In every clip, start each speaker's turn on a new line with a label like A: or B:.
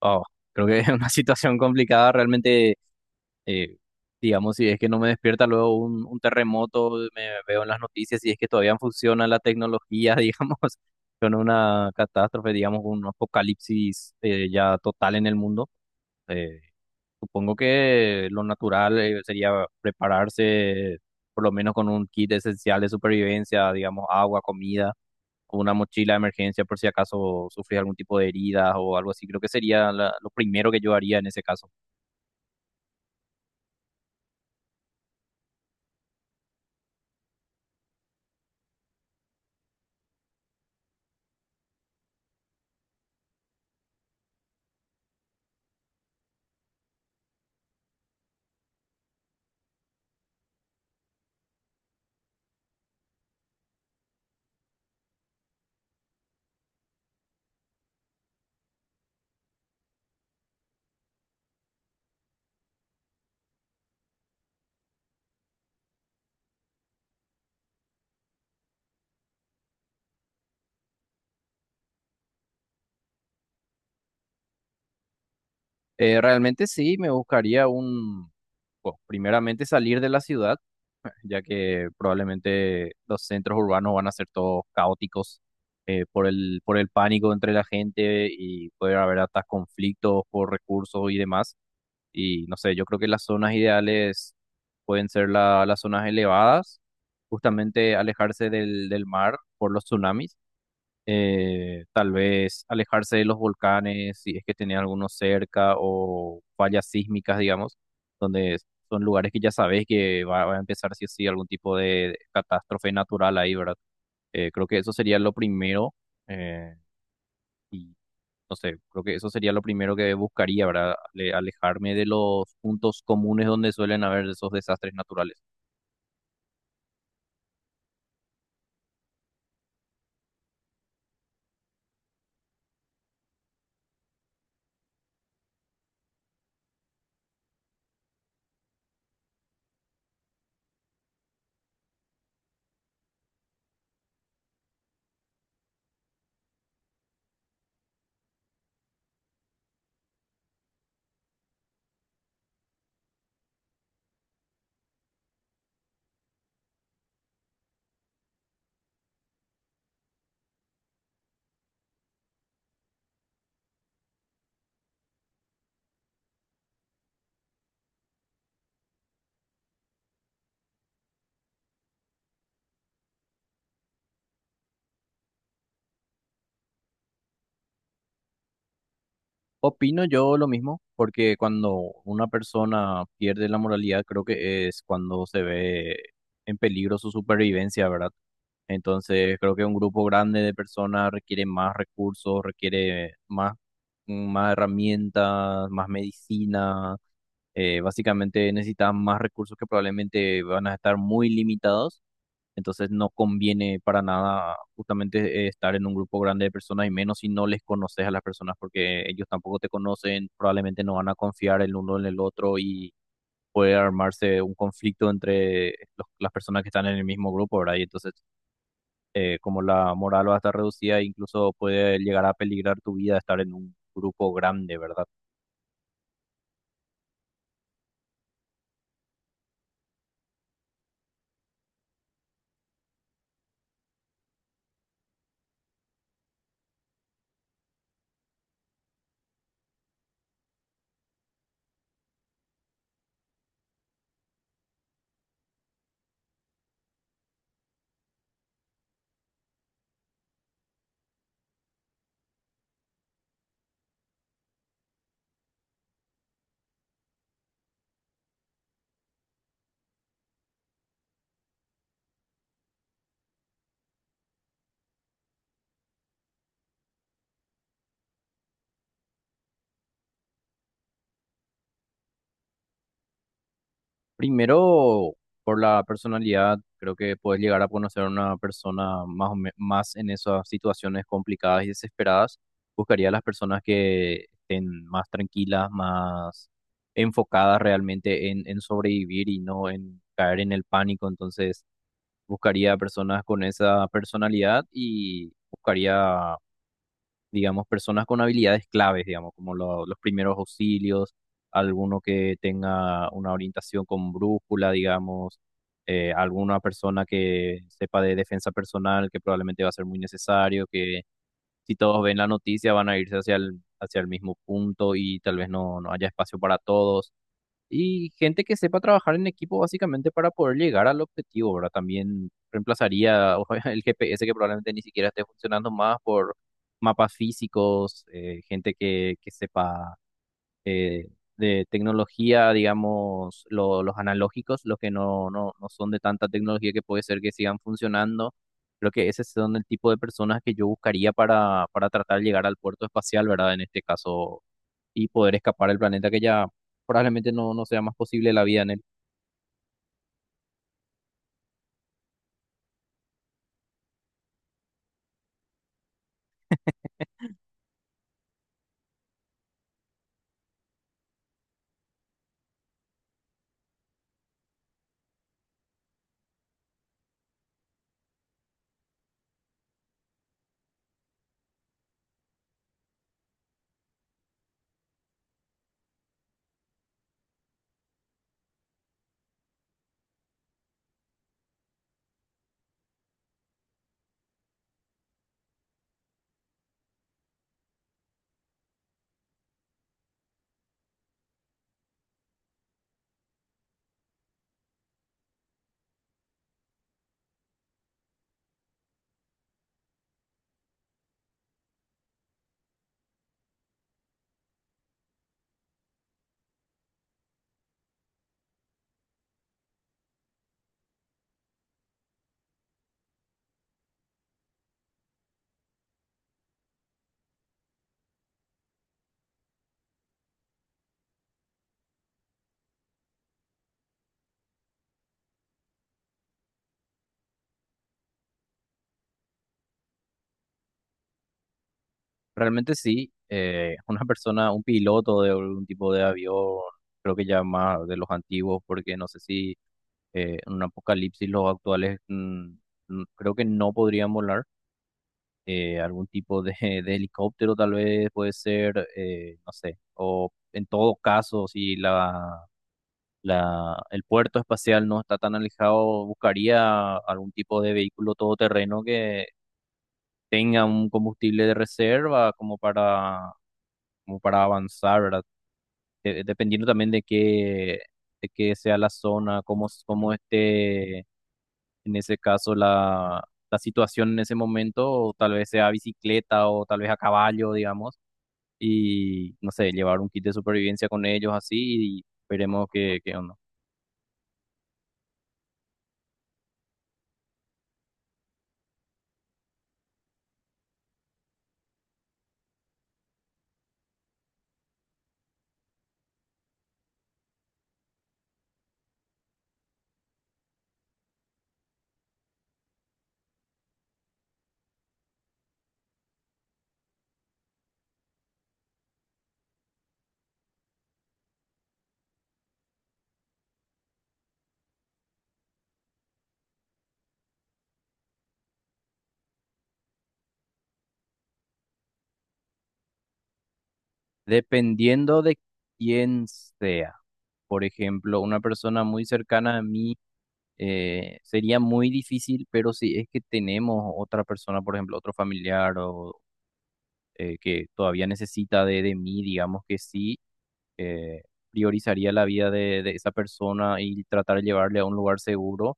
A: Oh, creo que es una situación complicada realmente, eh, digamos, si es que no me despierta luego un terremoto, me veo en las noticias, si es que todavía funciona la tecnología, digamos, con una catástrofe, digamos, un apocalipsis ya total en el mundo. eh, Supongo que lo natural sería prepararse por lo menos con un kit esencial de supervivencia, digamos, agua, comida o una mochila de emergencia por si acaso sufres algún tipo de heridas o algo así. Creo que sería lo primero que yo haría en ese caso. Realmente sí, me buscaría un, bueno, primeramente salir de la ciudad, ya que probablemente los centros urbanos van a ser todos caóticos por por el pánico entre la gente y puede haber hasta conflictos por recursos y demás. Y no sé, yo creo que las zonas ideales pueden ser las zonas elevadas, justamente alejarse del mar por los tsunamis, tal vez alejarse de los volcanes si es que tenía algunos cerca o fallas sísmicas, digamos, donde son lugares que ya sabes que va a empezar sí o sí algún tipo de catástrofe natural ahí, ¿verdad? Creo que eso sería lo primero. eh, no sé, creo que eso sería lo primero que buscaría, ¿verdad? Alejarme de los puntos comunes donde suelen haber esos desastres naturales. Opino yo lo mismo, porque cuando una persona pierde la moralidad, creo que es cuando se ve en peligro su supervivencia, ¿verdad? Entonces, creo que un grupo grande de personas requiere más recursos, requiere más herramientas, más medicina. Básicamente necesitan más recursos que probablemente van a estar muy limitados. Entonces no conviene para nada justamente estar en un grupo grande de personas y menos si no les conoces a las personas porque ellos tampoco te conocen, probablemente no van a confiar el uno en el otro y puede armarse un conflicto entre las personas que están en el mismo grupo, ¿verdad? Y entonces como la moral va a estar reducida, incluso puede llegar a peligrar tu vida estar en un grupo grande, ¿verdad? Primero, por la personalidad, creo que puedes llegar a conocer a una persona más, o más en esas situaciones complicadas y desesperadas. Buscaría a las personas que estén más tranquilas, más enfocadas realmente en sobrevivir y no en caer en el pánico. Entonces, buscaría a personas con esa personalidad y buscaría digamos, personas con habilidades claves, digamos, como los primeros auxilios, alguno que tenga una orientación con brújula, digamos, alguna persona que sepa de defensa personal, que probablemente va a ser muy necesario, que si todos ven la noticia van a irse hacia hacia el mismo punto y tal vez no, no haya espacio para todos. Y gente que sepa trabajar en equipo básicamente para poder llegar al objetivo, ¿verdad? También reemplazaría ojo, el GPS que probablemente ni siquiera esté funcionando más por mapas físicos, gente que sepa eh, de tecnología, digamos, los analógicos, los que no son de tanta tecnología que puede ser que sigan funcionando. Creo que ese son el tipo de personas que yo buscaría para tratar de llegar al puerto espacial, ¿verdad? En este caso y poder escapar del planeta que ya probablemente no sea más posible la vida en él. Realmente sí, una persona, un piloto de algún tipo de avión, creo que ya más de los antiguos, porque no sé si en un apocalipsis los actuales creo que no podrían volar. Algún tipo de, de helicóptero tal vez puede ser, no sé, o en todo caso, si el puerto espacial no está tan alejado, buscaría algún tipo de vehículo todoterreno que tenga un combustible de reserva como para, como para avanzar, ¿verdad? Dependiendo también de de qué sea la zona, cómo, cómo esté en ese caso la situación en ese momento, o tal vez sea bicicleta o tal vez a caballo, digamos, y no sé, llevar un kit de supervivencia con ellos así y veremos qué, qué onda. Dependiendo de quién sea. Por ejemplo, una persona muy cercana a mí sería muy difícil, pero si es que tenemos otra persona, por ejemplo, otro familiar o que todavía necesita de mí, digamos que sí, eh, priorizaría la vida de esa persona y tratar de llevarle a un lugar seguro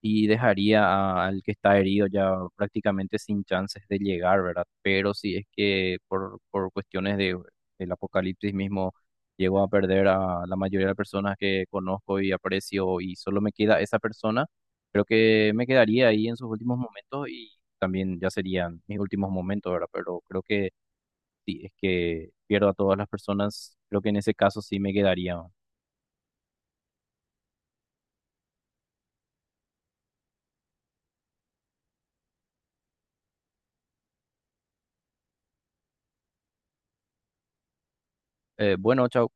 A: y dejaría al que está herido ya prácticamente sin chances de llegar, ¿verdad? Pero si es que por cuestiones del apocalipsis mismo llego a perder a la mayoría de las personas que conozco y aprecio y solo me queda esa persona, creo que me quedaría ahí en sus últimos momentos y también ya serían mis últimos momentos, ¿verdad? Pero creo que si es que pierdo a todas las personas, creo que en ese caso sí me quedaría. Bueno, chao.